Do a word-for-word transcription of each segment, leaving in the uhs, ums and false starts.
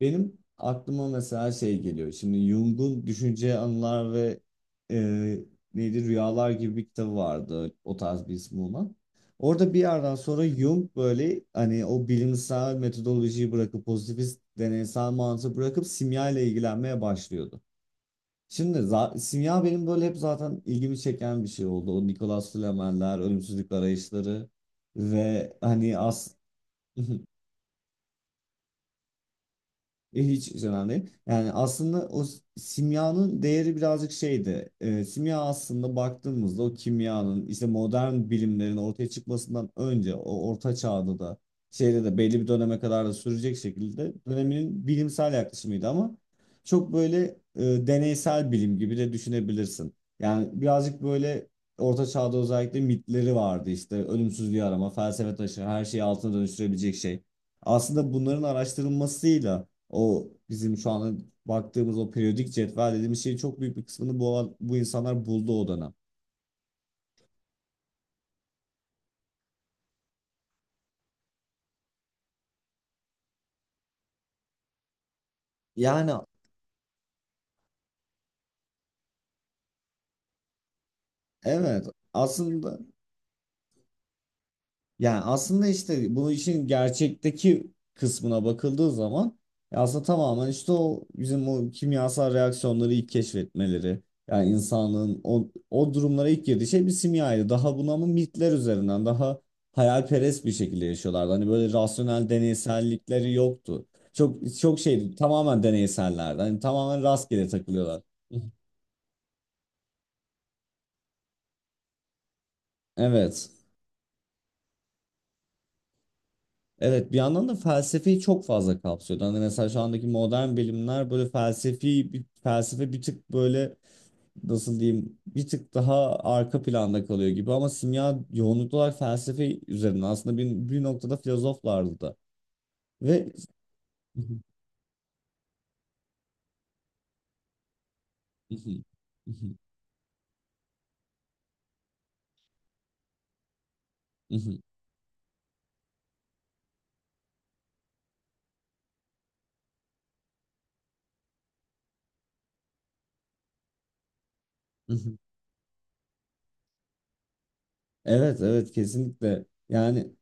Benim aklıma mesela şey geliyor. Şimdi Jung'un Düşünce, Anılar ve e, neydi Rüyalar gibi bir kitabı vardı. O tarz bir ismi olan. Orada bir yerden sonra Jung böyle hani o bilimsel metodolojiyi bırakıp pozitivist deneysel mantığı bırakıp simya ile ilgilenmeye başlıyordu. Şimdi za- simya benim böyle hep zaten ilgimi çeken bir şey oldu. O Nicholas Flamel'ler, ölümsüzlük arayışları ve hani as E, Hiç önemli değil. Yani aslında o s- simyanın değeri birazcık şeydi. E, simya aslında baktığımızda o kimyanın işte modern bilimlerin ortaya çıkmasından önce o orta çağda da şeyde de belli bir döneme kadar da sürecek şekilde döneminin bilimsel yaklaşımıydı ama çok böyle e, deneysel bilim gibi de düşünebilirsin. Yani birazcık böyle orta çağda özellikle mitleri vardı işte ölümsüzlüğü arama, felsefe taşı, her şeyi altına dönüştürebilecek şey. Aslında bunların araştırılmasıyla o bizim şu anda baktığımız o periyodik cetvel dediğimiz şeyin çok büyük bir kısmını bu, bu insanlar buldu o dönem. Yani evet aslında Yani aslında işte bu işin gerçekteki kısmına bakıldığı zaman ya aslında tamamen işte o bizim o kimyasal reaksiyonları ilk keşfetmeleri. Yani insanlığın o, o durumlara ilk girdiği şey bir simyaydı. Daha buna mı mitler üzerinden daha hayalperest bir şekilde yaşıyorlardı. Hani böyle rasyonel deneysellikleri yoktu. Çok çok şeydi, tamamen deneysellerdi. Hani tamamen rastgele takılıyorlar. Evet. Evet, bir yandan da felsefeyi çok fazla kapsıyordu. Hani mesela şu andaki modern bilimler böyle felsefi bir- felsefe bir tık böyle nasıl diyeyim bir tık daha arka planda kalıyor gibi ama simya yoğunluklu olarak felsefe üzerine aslında bir, bir noktada filozoflardı da. Ve Evet, evet, kesinlikle. Yani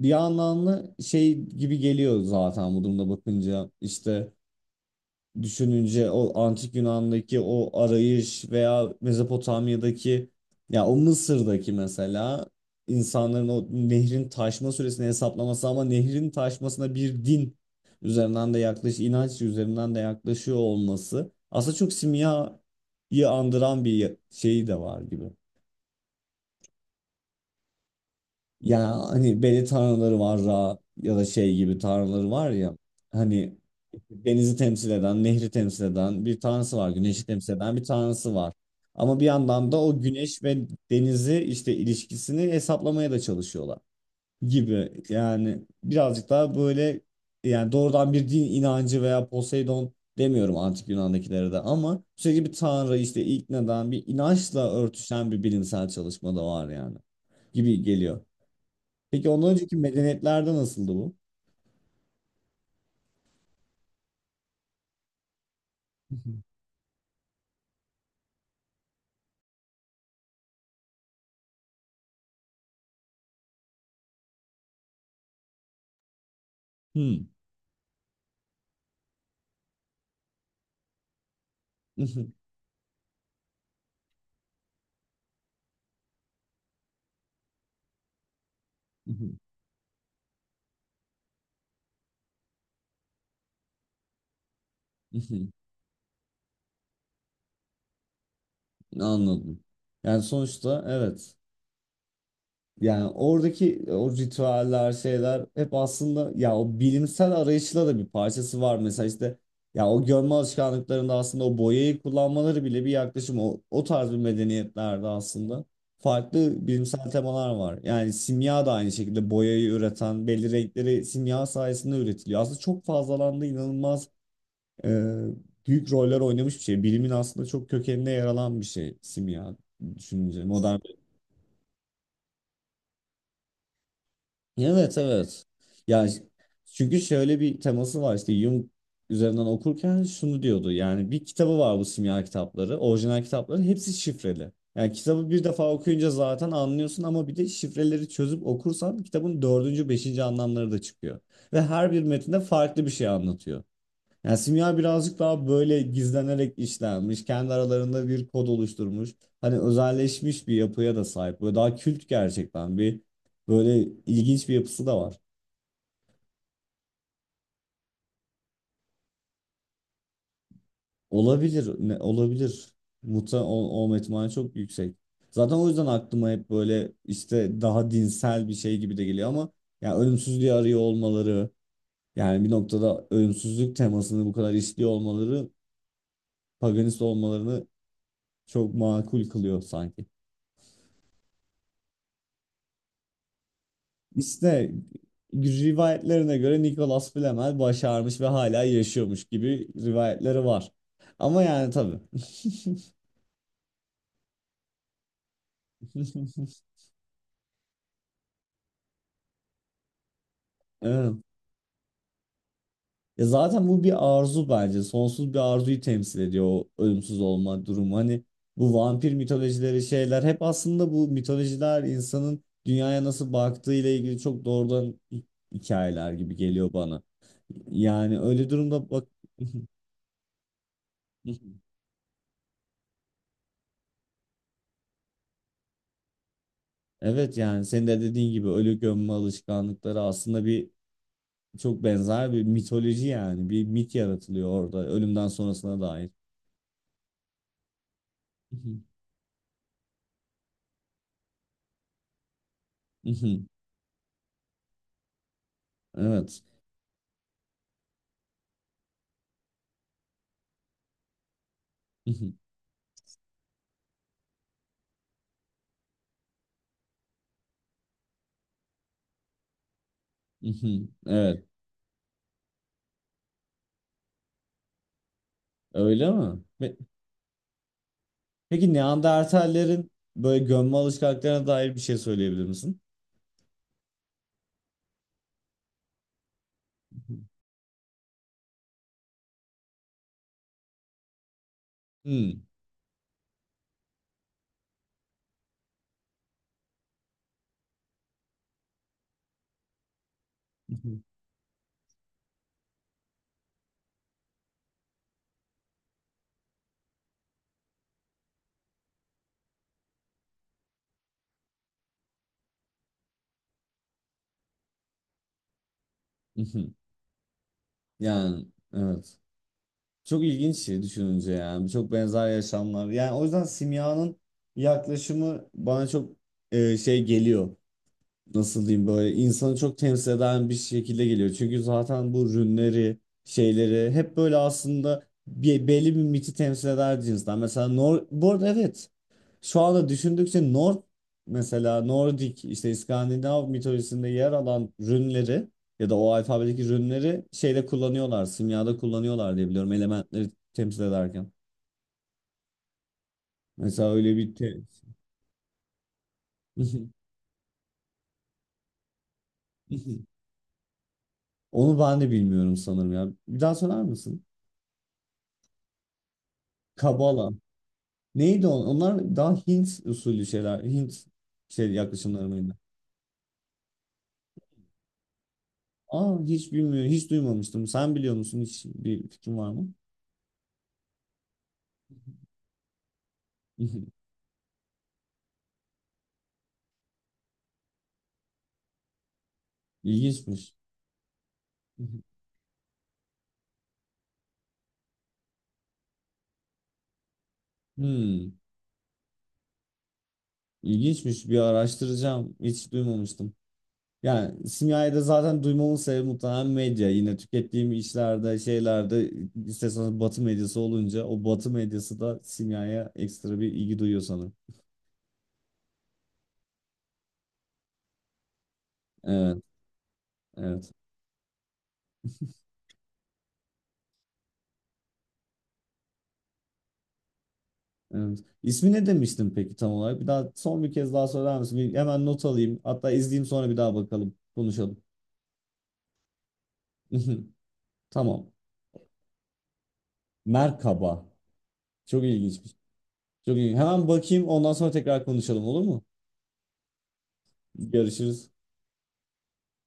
bir anlamda şey gibi geliyor zaten bu durumda bakınca işte düşününce o antik Yunan'daki o arayış veya Mezopotamya'daki ya o Mısır'daki mesela insanların o nehrin taşma süresini hesaplaması ama nehrin taşmasına bir din üzerinden de yaklaş inanç üzerinden de yaklaşıyor olması aslında çok simyayı andıran bir şeyi de var gibi. Ya hani beni tanrıları var Ra ya da şey gibi tanrıları var ya hani denizi temsil eden, nehri temsil eden bir tanrısı var, güneşi temsil eden bir tanrısı var. Ama bir yandan da o güneş ve denizi işte ilişkisini hesaplamaya da çalışıyorlar gibi. Yani birazcık daha böyle yani doğrudan bir din inancı veya Poseidon demiyorum antik Yunan'dakilere de ama sürekli bir tanrı işte iknadan bir inançla örtüşen bir bilimsel çalışma da var yani gibi geliyor. Peki ondan önceki medeniyetlerde nasıldı bu? Hmm. Anladım. Yani sonuçta evet. Yani oradaki o ritüeller şeyler hep aslında ya o bilimsel arayışla da bir parçası var. Mesela işte ya o görme alışkanlıklarında aslında o boyayı kullanmaları bile bir yaklaşım. O, o tarz bir medeniyetlerde aslında farklı bilimsel temalar var. Yani simya da aynı şekilde boyayı üreten belli renkleri simya sayesinde üretiliyor. Aslında çok fazlalandı, inanılmaz e, büyük roller oynamış bir şey. Bilimin aslında çok kökenine yer alan bir şey simya düşününce modern. Evet, evet. Yani çünkü şöyle bir teması var işte Jung üzerinden okurken şunu diyordu. Yani bir kitabı var, bu simya kitapları, orijinal kitapları hepsi şifreli. Yani kitabı bir defa okuyunca zaten anlıyorsun ama bir de şifreleri çözüp okursan kitabın dördüncü, beşinci anlamları da çıkıyor. Ve her bir metinde farklı bir şey anlatıyor. Yani simya birazcık daha böyle gizlenerek işlenmiş, kendi aralarında bir kod oluşturmuş, hani özelleşmiş bir yapıya da sahip. Böyle daha kült, gerçekten bir böyle ilginç bir yapısı da var. Olabilir, ne, olabilir. Muta ol- olma ihtimali çok yüksek. Zaten o yüzden aklıma hep böyle işte daha dinsel bir şey gibi de geliyor ama yani ölümsüzlüğü arıyor olmaları, yani bir noktada ölümsüzlük temasını bu kadar işliyor olmaları, paganist olmalarını çok makul kılıyor sanki. İşte rivayetlerine göre Nicholas Flamel başarmış ve hala yaşıyormuş gibi rivayetleri var. Ama yani tabii. Evet. Ya zaten bu bir arzu bence. Sonsuz bir arzuyu temsil ediyor o ölümsüz olma durumu. Hani bu vampir mitolojileri şeyler hep aslında bu mitolojiler insanın dünyaya nasıl baktığı ile ilgili çok doğrudan hi- hikayeler gibi geliyor bana. Yani öyle durumda bak Evet, yani senin de dediğin gibi ölü gömme alışkanlıkları aslında bir çok benzer bir mitoloji, yani bir mit yaratılıyor orada ölümden sonrasına dair. Mhm. Evet. Mhm. Mhm. Evet. Öyle mi? Pe- Peki Neandertallerin böyle gömme alışkanlıklarına dair bir şey söyleyebilir misin? Mhm. Hmm. Mhm. Mhm. Yani evet. Çok ilginç şey düşününce yani. Çok benzer yaşamlar. Yani o yüzden simyanın yaklaşımı bana çok e, şey geliyor. Nasıl diyeyim, böyle insanı çok temsil eden bir şekilde geliyor. Çünkü zaten bu rünleri, şeyleri hep böyle aslında bir, belli bir miti temsil eder cinsten. Mesela Nor bu arada evet şu anda düşündükçe Nor mesela Nordik işte İskandinav mitolojisinde yer alan rünleri ya da o alfabedeki rünleri şeyde kullanıyorlar, simyada kullanıyorlar diye biliyorum elementleri temsil ederken. Mesela öyle bir te- Onu ben de bilmiyorum sanırım ya. Bir daha söyler misin? Kabala. Neydi on? Onlar daha Hint usulü şeyler. Hint şey yaklaşımları mıydı? Aa, hiç bilmiyorum. Hiç duymamıştım. Sen biliyor musun? Hiç bir fikrin var mı? İlginçmiş. Hmm, ilginçmiş. Bir araştıracağım. Hiç duymamıştım. Yani simyayı da zaten duymamın sebebi muhtemelen medya. Yine tükettiğim işlerde, şeylerde isterseniz batı medyası olunca o batı medyası da simyaya ekstra bir ilgi duyuyor sanırım. Evet, evet. Evet. İsmi ne demiştin peki tam olarak? Bir daha, son bir kez daha söyler misin? Bir hemen not alayım. Hatta izleyeyim sonra, bir daha bakalım. Konuşalım. Tamam. Merhaba. Çok ilginçmiş. Çok ilginç. Hemen bakayım, ondan sonra tekrar konuşalım, olur mu? Görüşürüz.